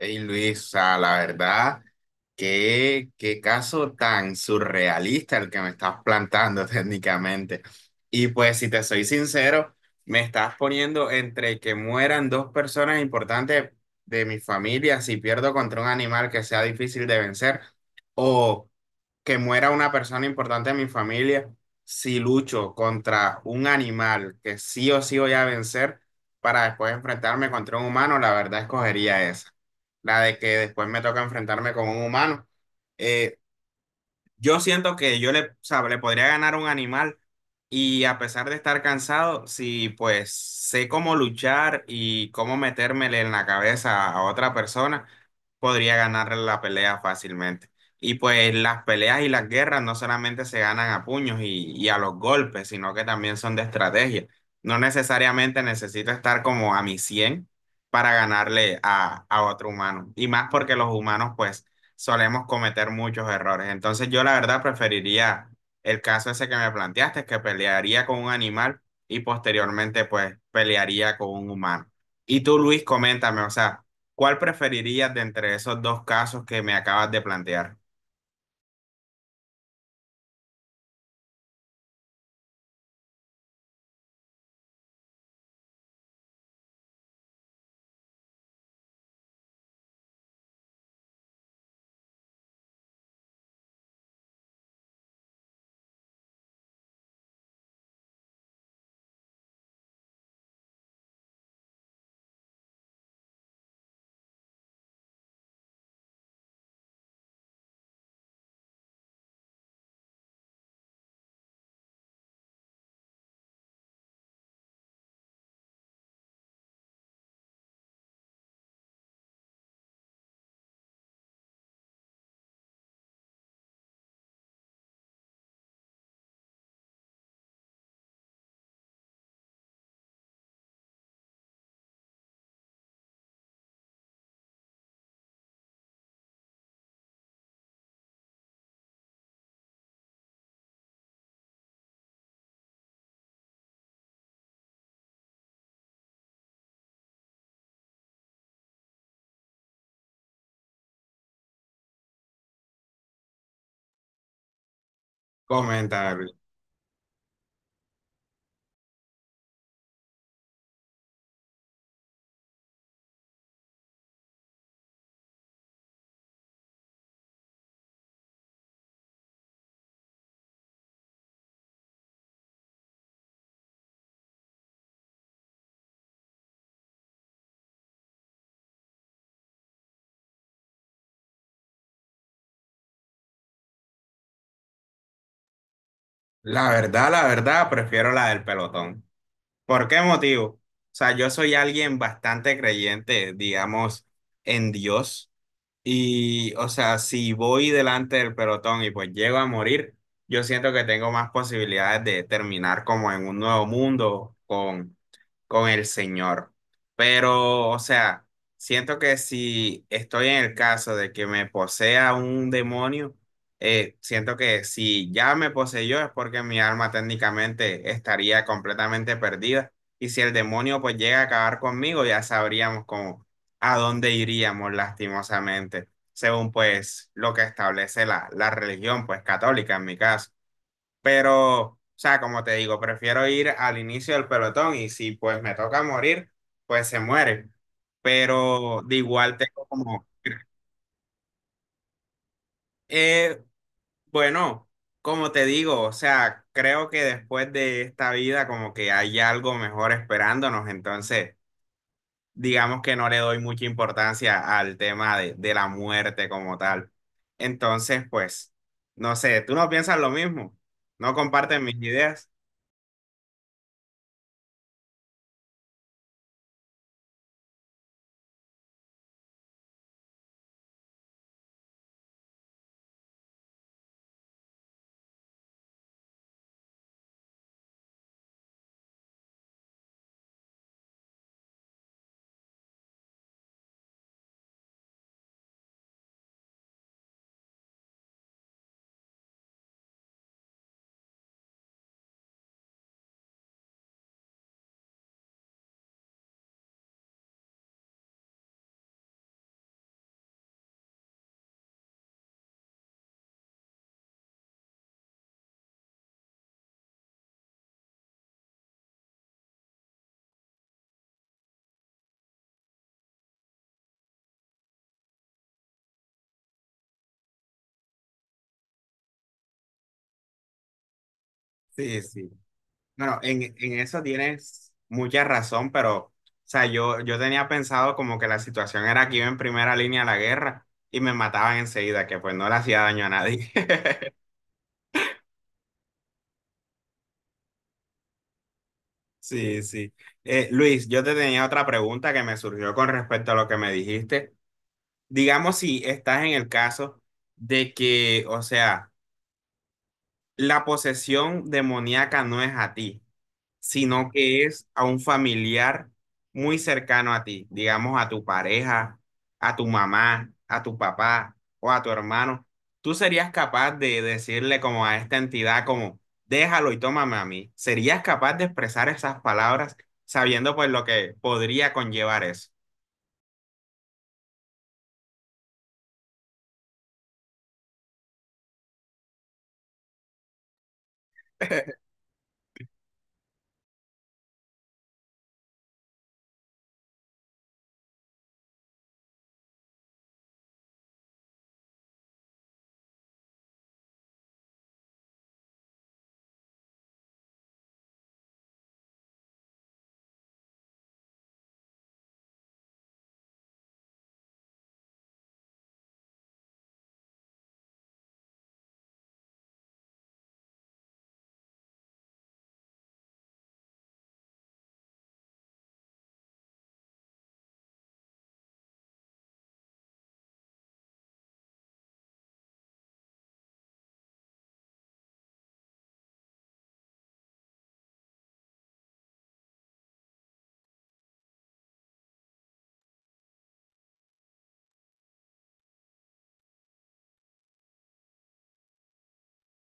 Hey Luis, o sea, la verdad, qué caso tan surrealista el que me estás plantando técnicamente. Y pues, si te soy sincero, me estás poniendo entre que mueran dos personas importantes de mi familia si pierdo contra un animal que sea difícil de vencer, o que muera una persona importante de mi familia si lucho contra un animal que sí o sí voy a vencer para después enfrentarme contra un humano, la verdad escogería esa la de que después me toca enfrentarme con un humano. Eh, yo siento que yo o sea, le podría ganar a un animal y a pesar de estar cansado, si pues sé cómo luchar y cómo metérmele en la cabeza a otra persona, podría ganar la pelea fácilmente. Y pues las peleas y las guerras no solamente se ganan a puños y a los golpes, sino que también son de estrategia. No necesariamente necesito estar como a mi 100 para ganarle a otro humano. Y más porque los humanos pues solemos cometer muchos errores. Entonces yo la verdad preferiría el caso ese que me planteaste, que pelearía con un animal y posteriormente pues pelearía con un humano. Y tú, Luis, coméntame, o sea, ¿cuál preferirías de entre esos dos casos que me acabas de plantear? Coméntame, Luis. La verdad, prefiero la del pelotón. ¿Por qué motivo? O sea, yo soy alguien bastante creyente, digamos, en Dios. Y, o sea, si voy delante del pelotón y pues llego a morir, yo siento que tengo más posibilidades de terminar como en un nuevo mundo con el Señor. Pero, o sea, siento que si estoy en el caso de que me posea un demonio, siento que si ya me poseyó es porque mi alma técnicamente estaría completamente perdida. Y si el demonio pues llega a acabar conmigo, ya sabríamos cómo a dónde iríamos lastimosamente, según pues lo que establece la religión, pues católica en mi caso. Pero, o sea, como te digo, prefiero ir al inicio del pelotón y si pues me toca morir, pues se muere. Pero de igual tengo como, eh, bueno, como te digo, o sea, creo que después de esta vida como que hay algo mejor esperándonos, entonces... digamos que no le doy mucha importancia al tema de la muerte como tal. Entonces, pues, no sé, tú no piensas lo mismo, no comparten mis ideas. Sí, sí. Bueno, en eso tienes mucha razón, pero, o sea, yo tenía pensado como que la situación era que iba en primera línea a la guerra y me mataban enseguida, que pues no le hacía daño a nadie. Sí, sí. Luis, yo te tenía otra pregunta que me surgió con respecto a lo que me dijiste. Digamos si estás en el caso de que, o sea, la posesión demoníaca no es a ti, sino que es a un familiar muy cercano a ti, digamos a tu pareja, a tu mamá, a tu papá o a tu hermano. ¿Tú serías capaz de decirle como a esta entidad como, déjalo y tómame a mí? ¿Serías capaz de expresar esas palabras sabiendo pues lo que podría conllevar eso?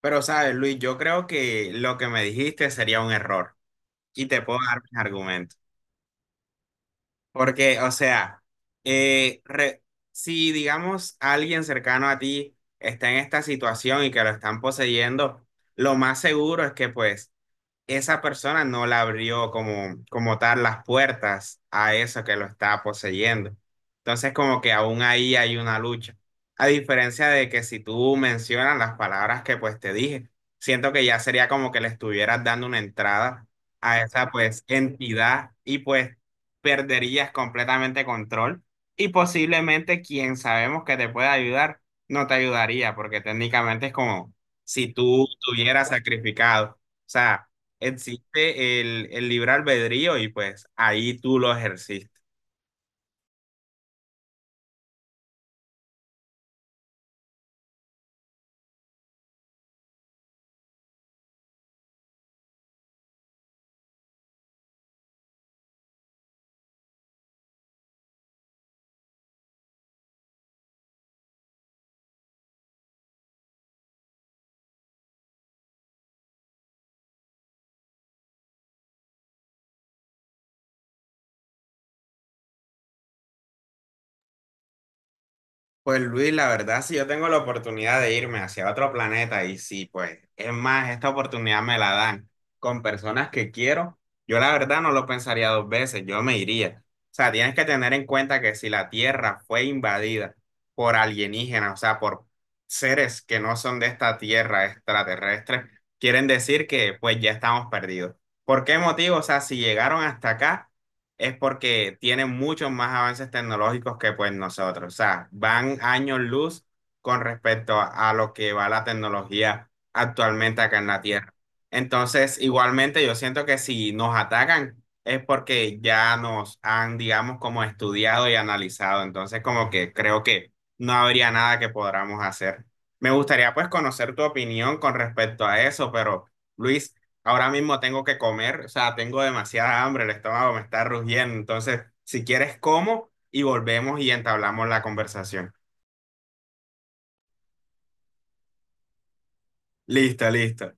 Pero sabes, Luis, yo creo que lo que me dijiste sería un error y te puedo dar mis argumentos. Porque, o sea, eh, re- si digamos alguien cercano a ti está en esta situación y que lo están poseyendo, lo más seguro es que pues esa persona no le abrió como, como tal las puertas a eso que lo está poseyendo. Entonces, como que aún ahí hay una lucha. A diferencia de que si tú mencionas las palabras que pues te dije, siento que ya sería como que le estuvieras dando una entrada a esa pues entidad y pues perderías completamente control y posiblemente quien sabemos que te puede ayudar no te ayudaría porque técnicamente es como si tú estuvieras sacrificado. O sea, existe el libre albedrío y pues ahí tú lo ejerciste. Pues Luis, la verdad, si yo tengo la oportunidad de irme hacia otro planeta y si pues es más, esta oportunidad me la dan con personas que quiero, yo la verdad no lo pensaría dos veces, yo me iría. O sea, tienes que tener en cuenta que si la Tierra fue invadida por alienígenas, o sea, por seres que no son de esta Tierra extraterrestres, quieren decir que pues ya estamos perdidos. ¿Por qué motivo? O sea, si llegaron hasta acá es porque tienen muchos más avances tecnológicos que pues nosotros. O sea, van años luz con respecto a lo que va la tecnología actualmente acá en la Tierra. Entonces, igualmente yo siento que si nos atacan es porque ya nos han, digamos, como estudiado y analizado. Entonces, como que creo que no habría nada que podamos hacer. Me gustaría pues conocer tu opinión con respecto a eso, pero Luis, ahora mismo tengo que comer, o sea, tengo demasiada hambre, el estómago me está rugiendo. Entonces, si quieres, como y volvemos y entablamos la conversación. Listo, listo.